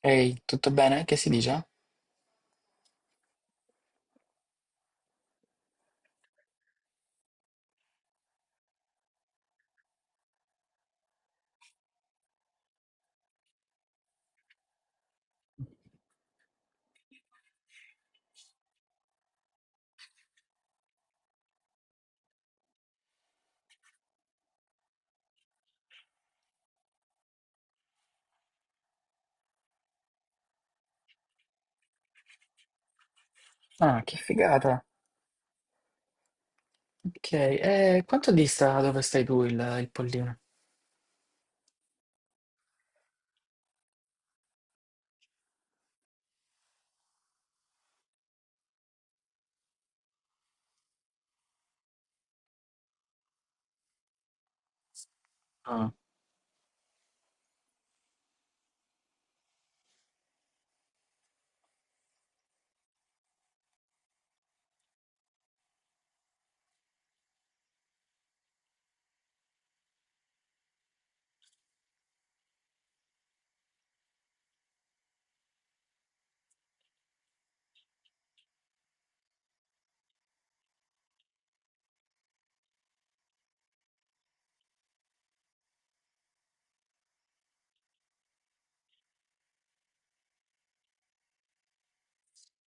Ehi, tutto bene? Che si dice? Ah, che figata. Ok, e quanto dista dove stai tu il Pollino?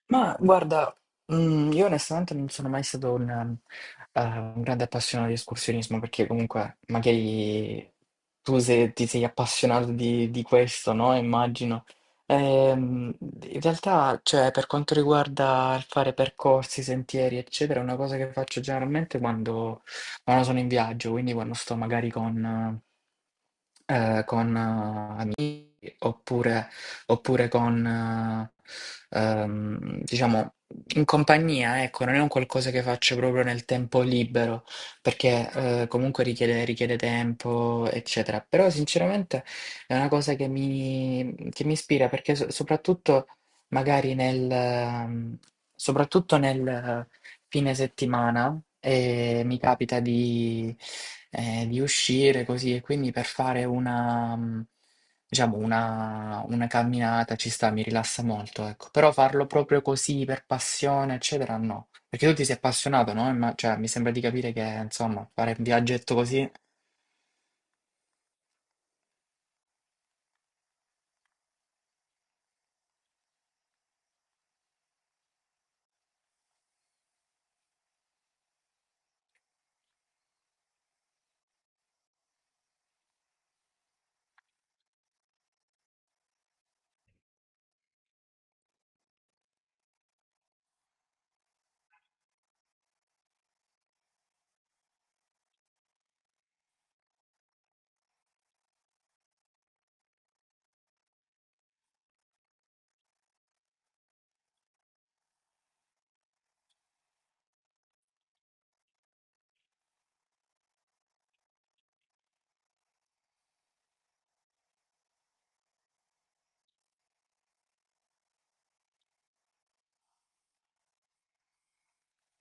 Ma guarda, io onestamente non sono mai stato un grande appassionato di escursionismo, perché comunque magari tu, se ti sei appassionato di questo, no, immagino. In realtà, cioè, per quanto riguarda il fare percorsi, sentieri, eccetera, è una cosa che faccio generalmente quando sono in viaggio, quindi quando sto magari con oppure, oppure con, diciamo, in compagnia, ecco. Non è un qualcosa che faccio proprio nel tempo libero, perché comunque richiede tempo, eccetera. Però sinceramente è una cosa che mi ispira, perché magari nel... ehm, Soprattutto nel fine settimana e mi capita di uscire così, e quindi per fare una, diciamo, una camminata. Ci sta, mi rilassa molto, ecco. Però farlo proprio così per passione, eccetera, no. Perché tu ti sei appassionato, no? Cioè, mi sembra di capire che, insomma, fare un viaggetto così...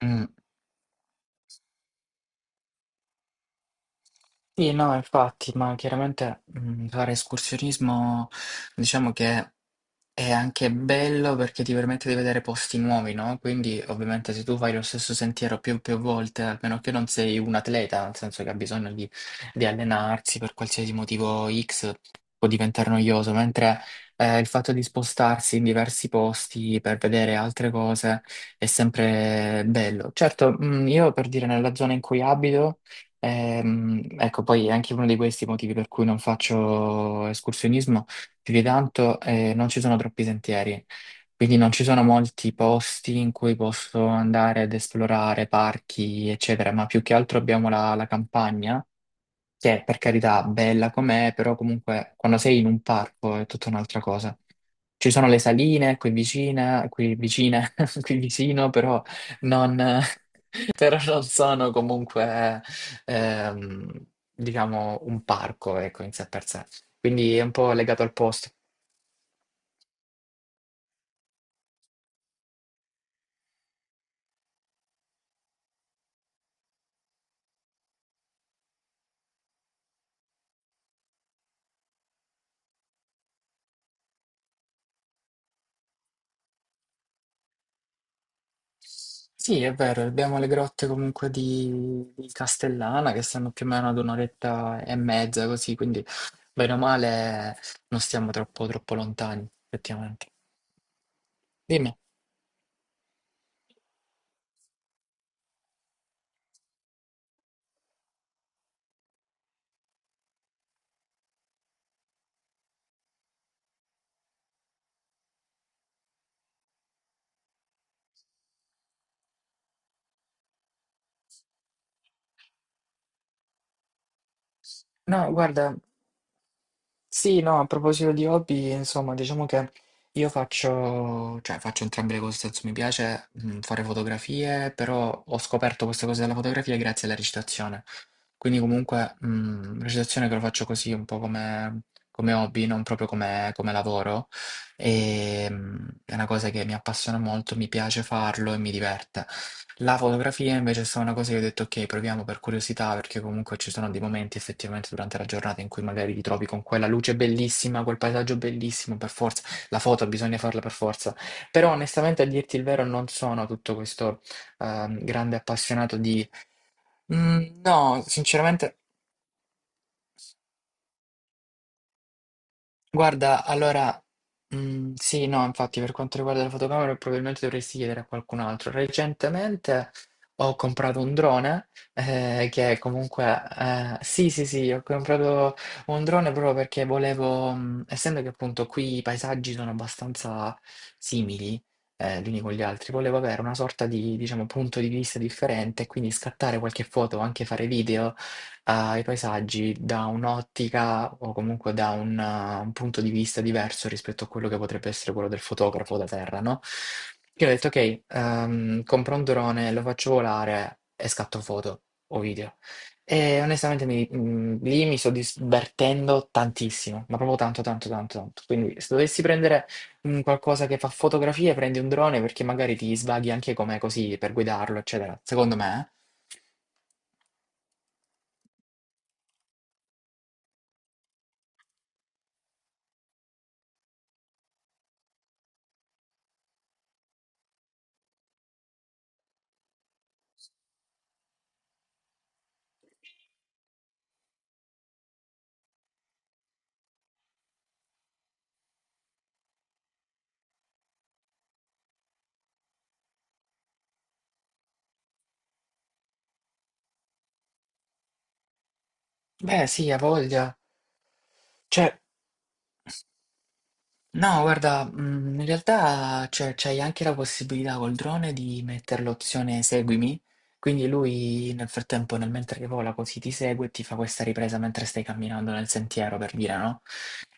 Mm. Sì, no, infatti, ma chiaramente, fare escursionismo, diciamo che è anche bello, perché ti permette di vedere posti nuovi, no? Quindi ovviamente, se tu fai lo stesso sentiero più volte, a meno che non sei un atleta, nel senso che ha bisogno di allenarsi per qualsiasi motivo X, può diventare noioso, mentre il fatto di spostarsi in diversi posti per vedere altre cose è sempre bello. Certo, io, per dire, nella zona in cui abito, ecco, poi è anche uno di questi motivi per cui non faccio escursionismo più di tanto, non ci sono troppi sentieri, quindi non ci sono molti posti in cui posso andare ad esplorare parchi, eccetera, ma più che altro abbiamo la campagna, che è, per carità, bella com'è, però comunque quando sei in un parco è tutta un'altra cosa. Ci sono le saline qui vicine, qui vicino, però non, però non sono comunque, ehm, diciamo, un parco, ecco, in sé per sé. Quindi è un po' legato al posto. Sì, è vero, abbiamo le grotte comunque di Castellana, che stanno più o meno ad un'oretta e mezza così, quindi bene o male non stiamo troppo lontani, effettivamente. Dimmi. No, guarda, sì, no, a proposito di hobby, insomma, diciamo che io faccio, cioè faccio entrambe le cose, nel senso, mi piace fare fotografie, però ho scoperto questa cosa della fotografia grazie alla recitazione. Quindi comunque, recitazione che lo faccio così un po' come come hobby, non proprio come lavoro. È una cosa che mi appassiona molto, mi piace farlo e mi diverte. La fotografia invece è stata una cosa che ho detto: "Okay, proviamo per curiosità", perché comunque ci sono dei momenti effettivamente durante la giornata in cui magari ti trovi con quella luce bellissima, quel paesaggio bellissimo, per forza la foto bisogna farla, per forza. Però onestamente, a dirti il vero, non sono tutto questo grande appassionato di. No, sinceramente. Guarda, allora, sì, no, infatti, per quanto riguarda la fotocamera probabilmente dovresti chiedere a qualcun altro. Recentemente ho comprato un drone, che comunque, sì, sì, sì, ho comprato un drone proprio perché volevo, essendo che appunto qui i paesaggi sono abbastanza simili, gli uni con gli altri. Volevo avere una sorta di, diciamo, punto di vista differente, quindi scattare qualche foto o anche fare video i paesaggi, da un'ottica o comunque da un punto di vista diverso rispetto a quello che potrebbe essere quello del fotografo da terra, no? Io ho detto, ok, compro un drone, lo faccio volare e scatto foto o video. E onestamente lì mi sto divertendo tantissimo, ma proprio tanto, tanto, tanto, tanto. Quindi, se dovessi prendere un qualcosa che fa fotografie, prendi un drone, perché magari ti svaghi anche, come così, per guidarlo, eccetera. Secondo me, eh. Beh, sì, ha voglia. Cioè, no, guarda, in realtà c'hai anche la possibilità, col drone, di mettere l'opzione seguimi, quindi lui nel frattempo, nel mentre che vola, così ti segue e ti fa questa ripresa mentre stai camminando nel sentiero, per dire, no?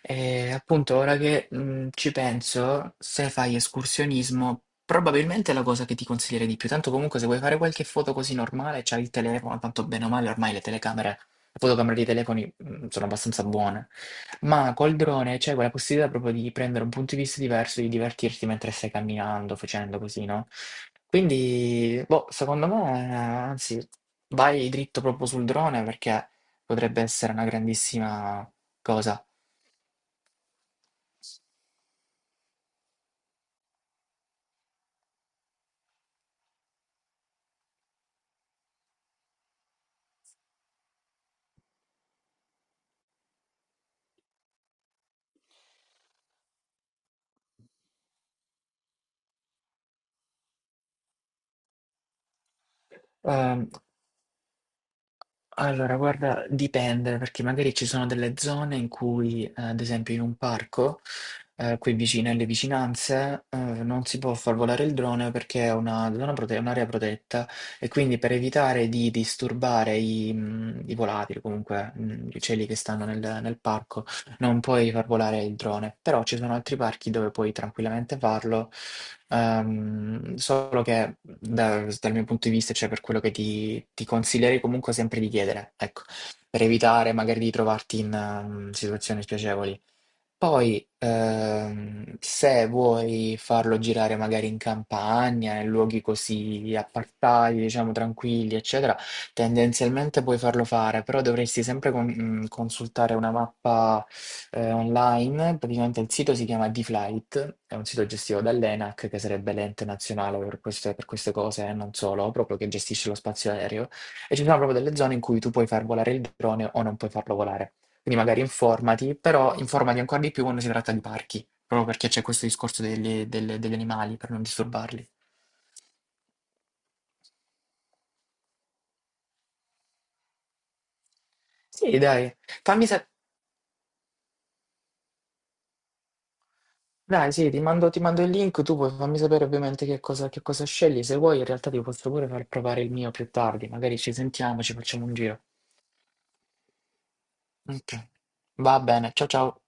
E appunto, ora che ci penso, se fai escursionismo, probabilmente è la cosa che ti consiglierei di più. Tanto comunque, se vuoi fare qualche foto così normale, c'hai il telefono. Tanto, bene o male, ormai le telecamere fotocamere dei telefoni, sono abbastanza buone, ma col drone c'hai quella possibilità proprio di prendere un punto di vista diverso, di divertirti mentre stai camminando, facendo così, no, quindi boh, secondo me anzi, vai dritto proprio sul drone, perché potrebbe essere una grandissima cosa. Uhm Allora, guarda, dipende, perché magari ci sono delle zone in cui, ad esempio in un parco, qui vicino, alle vicinanze, non si può far volare il drone perché è una zona è un'area protetta, e quindi, per evitare di disturbare i volatili, comunque gli uccelli che stanno nel parco, non puoi far volare il drone. Però ci sono altri parchi dove puoi tranquillamente farlo. Solo che dal mio punto di vista, cioè, per quello che ti consiglierei, comunque, sempre di chiedere, ecco, per evitare magari di trovarti in situazioni spiacevoli. Poi, se vuoi farlo girare magari in campagna, in luoghi così appartati, diciamo tranquilli, eccetera, tendenzialmente puoi farlo fare, però dovresti sempre consultare una mappa online. Praticamente il sito si chiama D-Flight, è un sito gestito dall'ENAC, che sarebbe l'ente nazionale per queste, cose, e non solo, proprio che gestisce lo spazio aereo. E ci sono proprio delle zone in cui tu puoi far volare il drone o non puoi farlo volare. Quindi magari informati, però informati ancora di più quando si tratta di parchi, proprio perché c'è questo discorso degli animali, per non disturbarli. Sì, dai, fammi sapere. Dai, sì, ti mando il link. Tu puoi fammi sapere ovviamente che cosa scegli. Se vuoi, in realtà ti posso pure far provare il mio più tardi, magari ci sentiamo, ci facciamo un giro. Ok, va bene, ciao ciao.